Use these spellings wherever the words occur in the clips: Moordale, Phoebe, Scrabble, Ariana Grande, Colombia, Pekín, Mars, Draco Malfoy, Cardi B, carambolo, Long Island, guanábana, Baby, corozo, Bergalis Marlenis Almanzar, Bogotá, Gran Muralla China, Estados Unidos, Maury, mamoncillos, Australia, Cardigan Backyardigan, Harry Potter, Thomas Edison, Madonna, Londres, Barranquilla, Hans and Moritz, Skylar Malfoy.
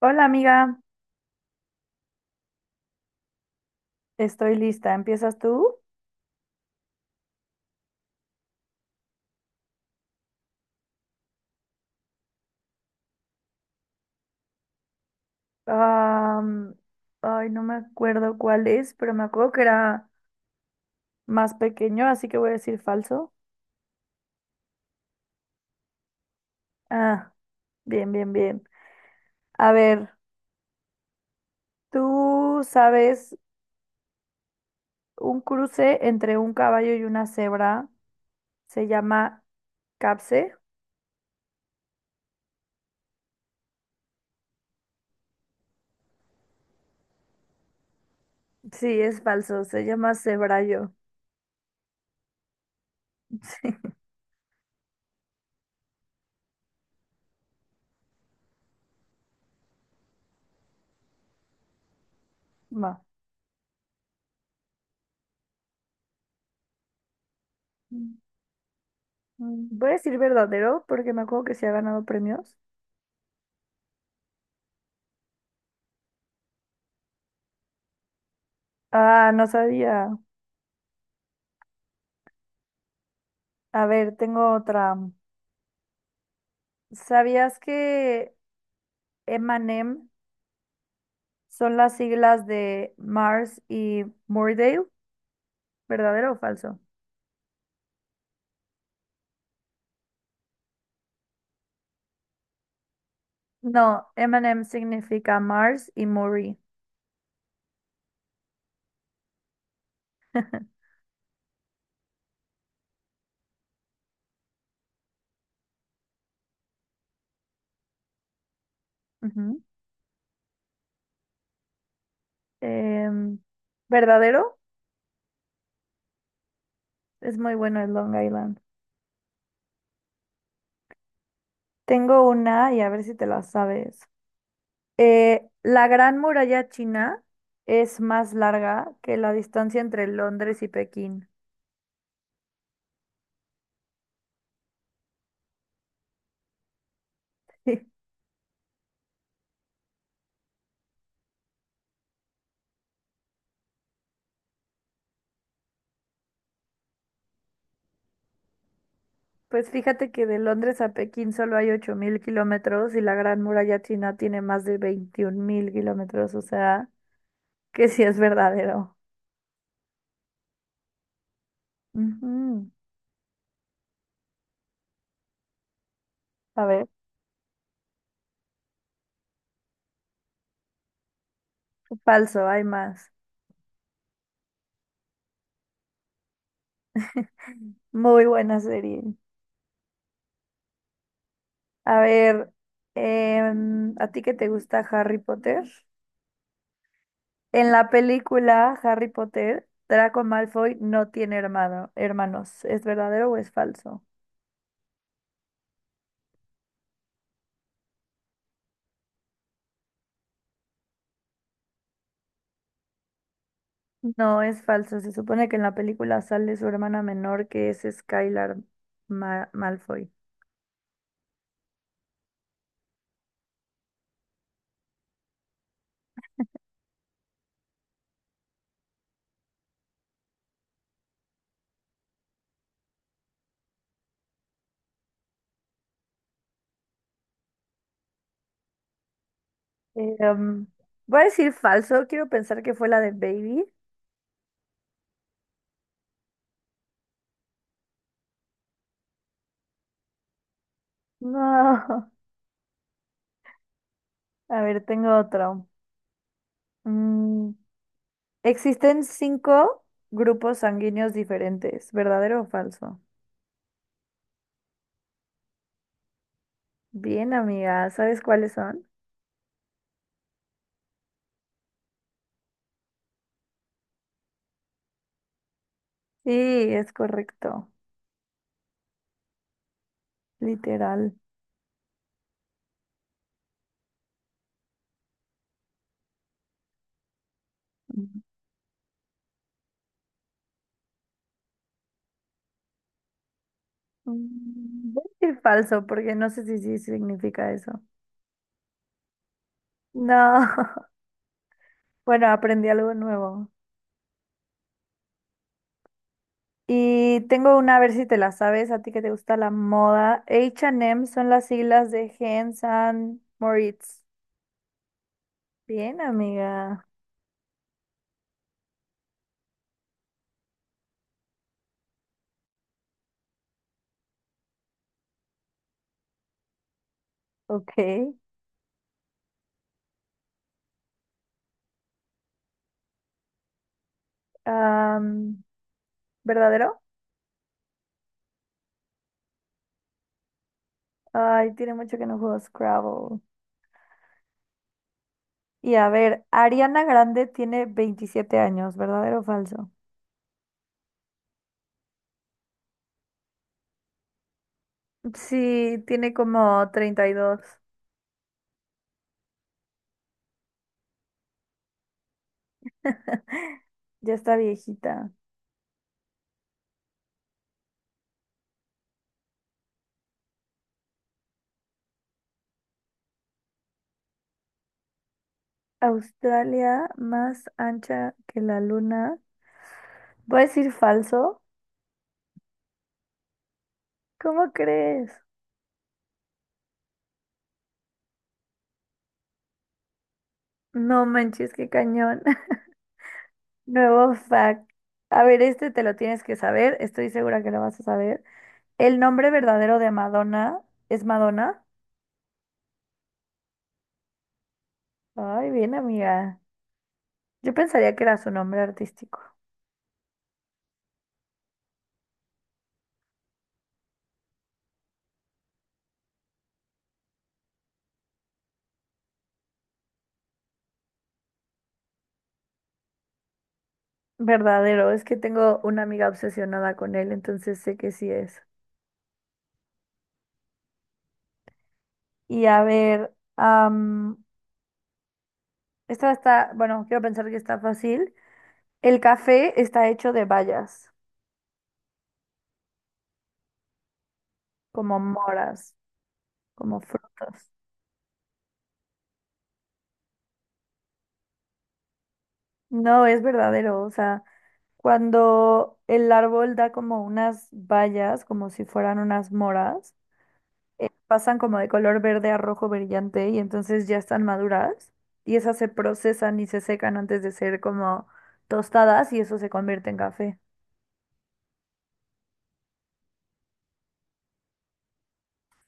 Hola amiga, estoy lista. ¿Empiezas tú? Am, ay, no me acuerdo cuál es, pero me acuerdo que era más pequeño, así que voy a decir falso. Ah, bien, bien, bien. A ver, ¿tú sabes un cruce entre un caballo y una cebra se llama capse? Sí, es falso, se llama cebrallo. Sí, va. Mm, Voy a decir verdadero porque me acuerdo que se ha ganado premios. Ah, no sabía. A ver, tengo otra. ¿Sabías que M&M son las siglas de Mars y Moordale? ¿Verdadero o falso? No, M&M significa Mars y Maury. Ujú. Em, ¿verdadero? Es muy bueno el Long Island. Tengo una y a ver si te la sabes. La Gran Muralla China es más larga que la distancia entre Londres y Pekín. Pues fíjate que de Londres a Pekín solo hay 8000 kilómetros y la Gran Muralla China tiene más de 21.000 kilómetros, o sea, que sí es verdadero. Ujú. A ver, falso, hay más. Muy buena serie. A ver, ¿a ti qué te gusta Harry Potter? En la película Harry Potter, Draco Malfoy no tiene hermano, hermanos. ¿Es verdadero o es falso? No, es falso. Se supone que en la película sale su hermana menor, que es Skylar Malfoy. Eh, um, voy a decir falso. Quiero pensar que fue la de Baby. No. A ver, tengo otro. Mm, existen cinco grupos sanguíneos diferentes. ¿Verdadero o falso? Bien, amiga. ¿Sabes cuáles son? Sí, es correcto. Literal. Mm, Voy a decir falso porque no sé si sí significa eso. No. Bueno, aprendí algo nuevo. Y tengo una, a ver si te la sabes, a ti que te gusta la moda. H&M son las siglas de Hans and Moritz. Bien, amiga. Ok. Am, ¿verdadero? Ay, tiene mucho que no juego Scrabble. Y a ver, Ariana Grande tiene 27 años, ¿verdadero o falso? Sí, tiene como 32. Ya está viejita. Australia más ancha que la luna. Voy a decir falso. ¿Cómo crees? No manches, qué cañón. Nuevo fact. A ver, este te lo tienes que saber. Estoy segura que lo vas a saber. El nombre verdadero de Madonna es Madonna. Ay, bien, amiga. Yo pensaría que era su nombre artístico. Verdadero, es que tengo una amiga obsesionada con él, entonces sé que sí es. Y a ver, am, esta está, bueno, quiero pensar que está fácil. El café está hecho de bayas, como moras, como frutas. No es verdadero, o sea, cuando el árbol da como unas bayas, como si fueran unas moras, pasan como de color verde a rojo brillante y entonces ya están maduras y esas se procesan y se secan antes de ser como tostadas y eso se convierte en café.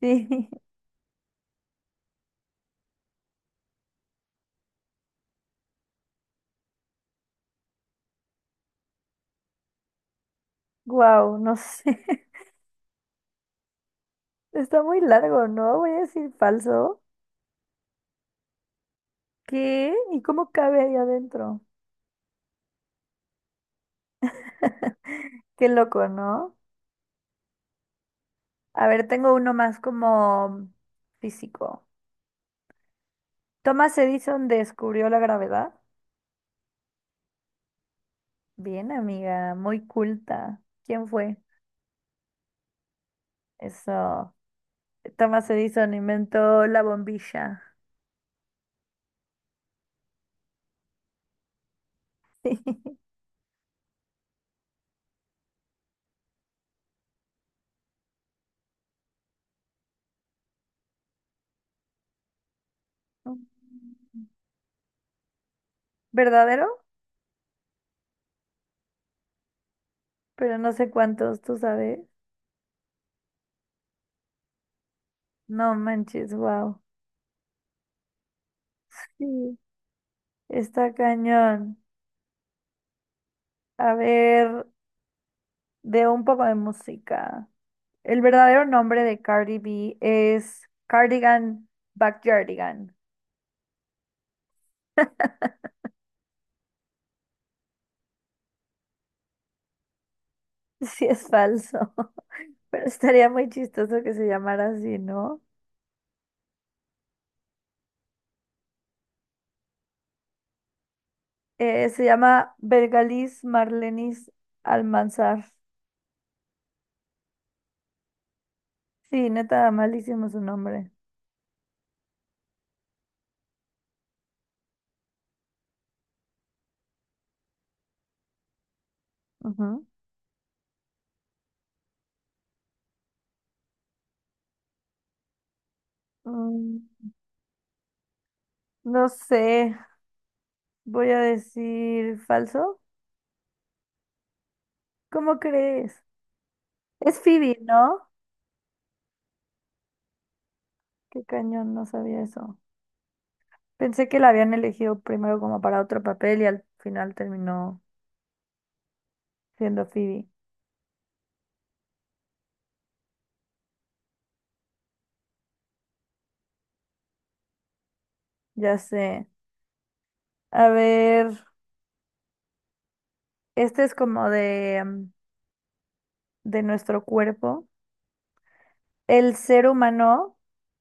Sí, wow, no sé. Está muy largo, ¿no? Voy a decir falso. ¿Qué? ¿Y cómo cabe ahí adentro? Qué loco, ¿no? A ver, tengo uno más como físico. Thomas Edison descubrió la gravedad. Bien, amiga, muy culta. ¿Quién fue? Eso. Thomas Edison inventó la bombilla. ¿Verdadero? Pero no sé cuántos, tú sabes. No manches, wow. Sí, está cañón. A ver, de un poco de música. El verdadero nombre de Cardi B es Cardigan Backyardigan. Sí, es falso, pero estaría muy chistoso que se llamara así, ¿no? Se llama Bergalis Marlenis Almanzar. Sí, neta, malísimo su nombre. Ujú. Mm, no sé, voy a decir falso. ¿Cómo crees? Es Phoebe, ¿no? Qué cañón, no sabía eso. Pensé que la habían elegido primero como para otro papel y al final terminó siendo Phoebe. Ya sé. A ver, este es como de, de nuestro cuerpo. El ser humano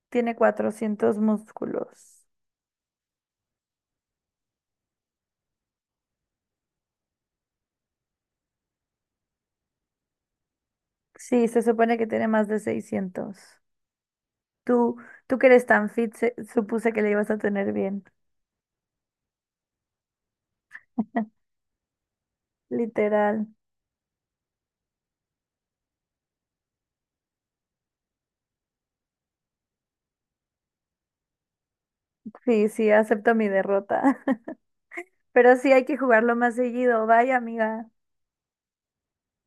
tiene 400 músculos. Sí, se supone que tiene más de 600. Tú, tú que eres tan fit, supuse que le ibas a tener bien. Literal. Sí, sí, acepto mi derrota. Pero sí hay que jugarlo más seguido. Vaya, amiga.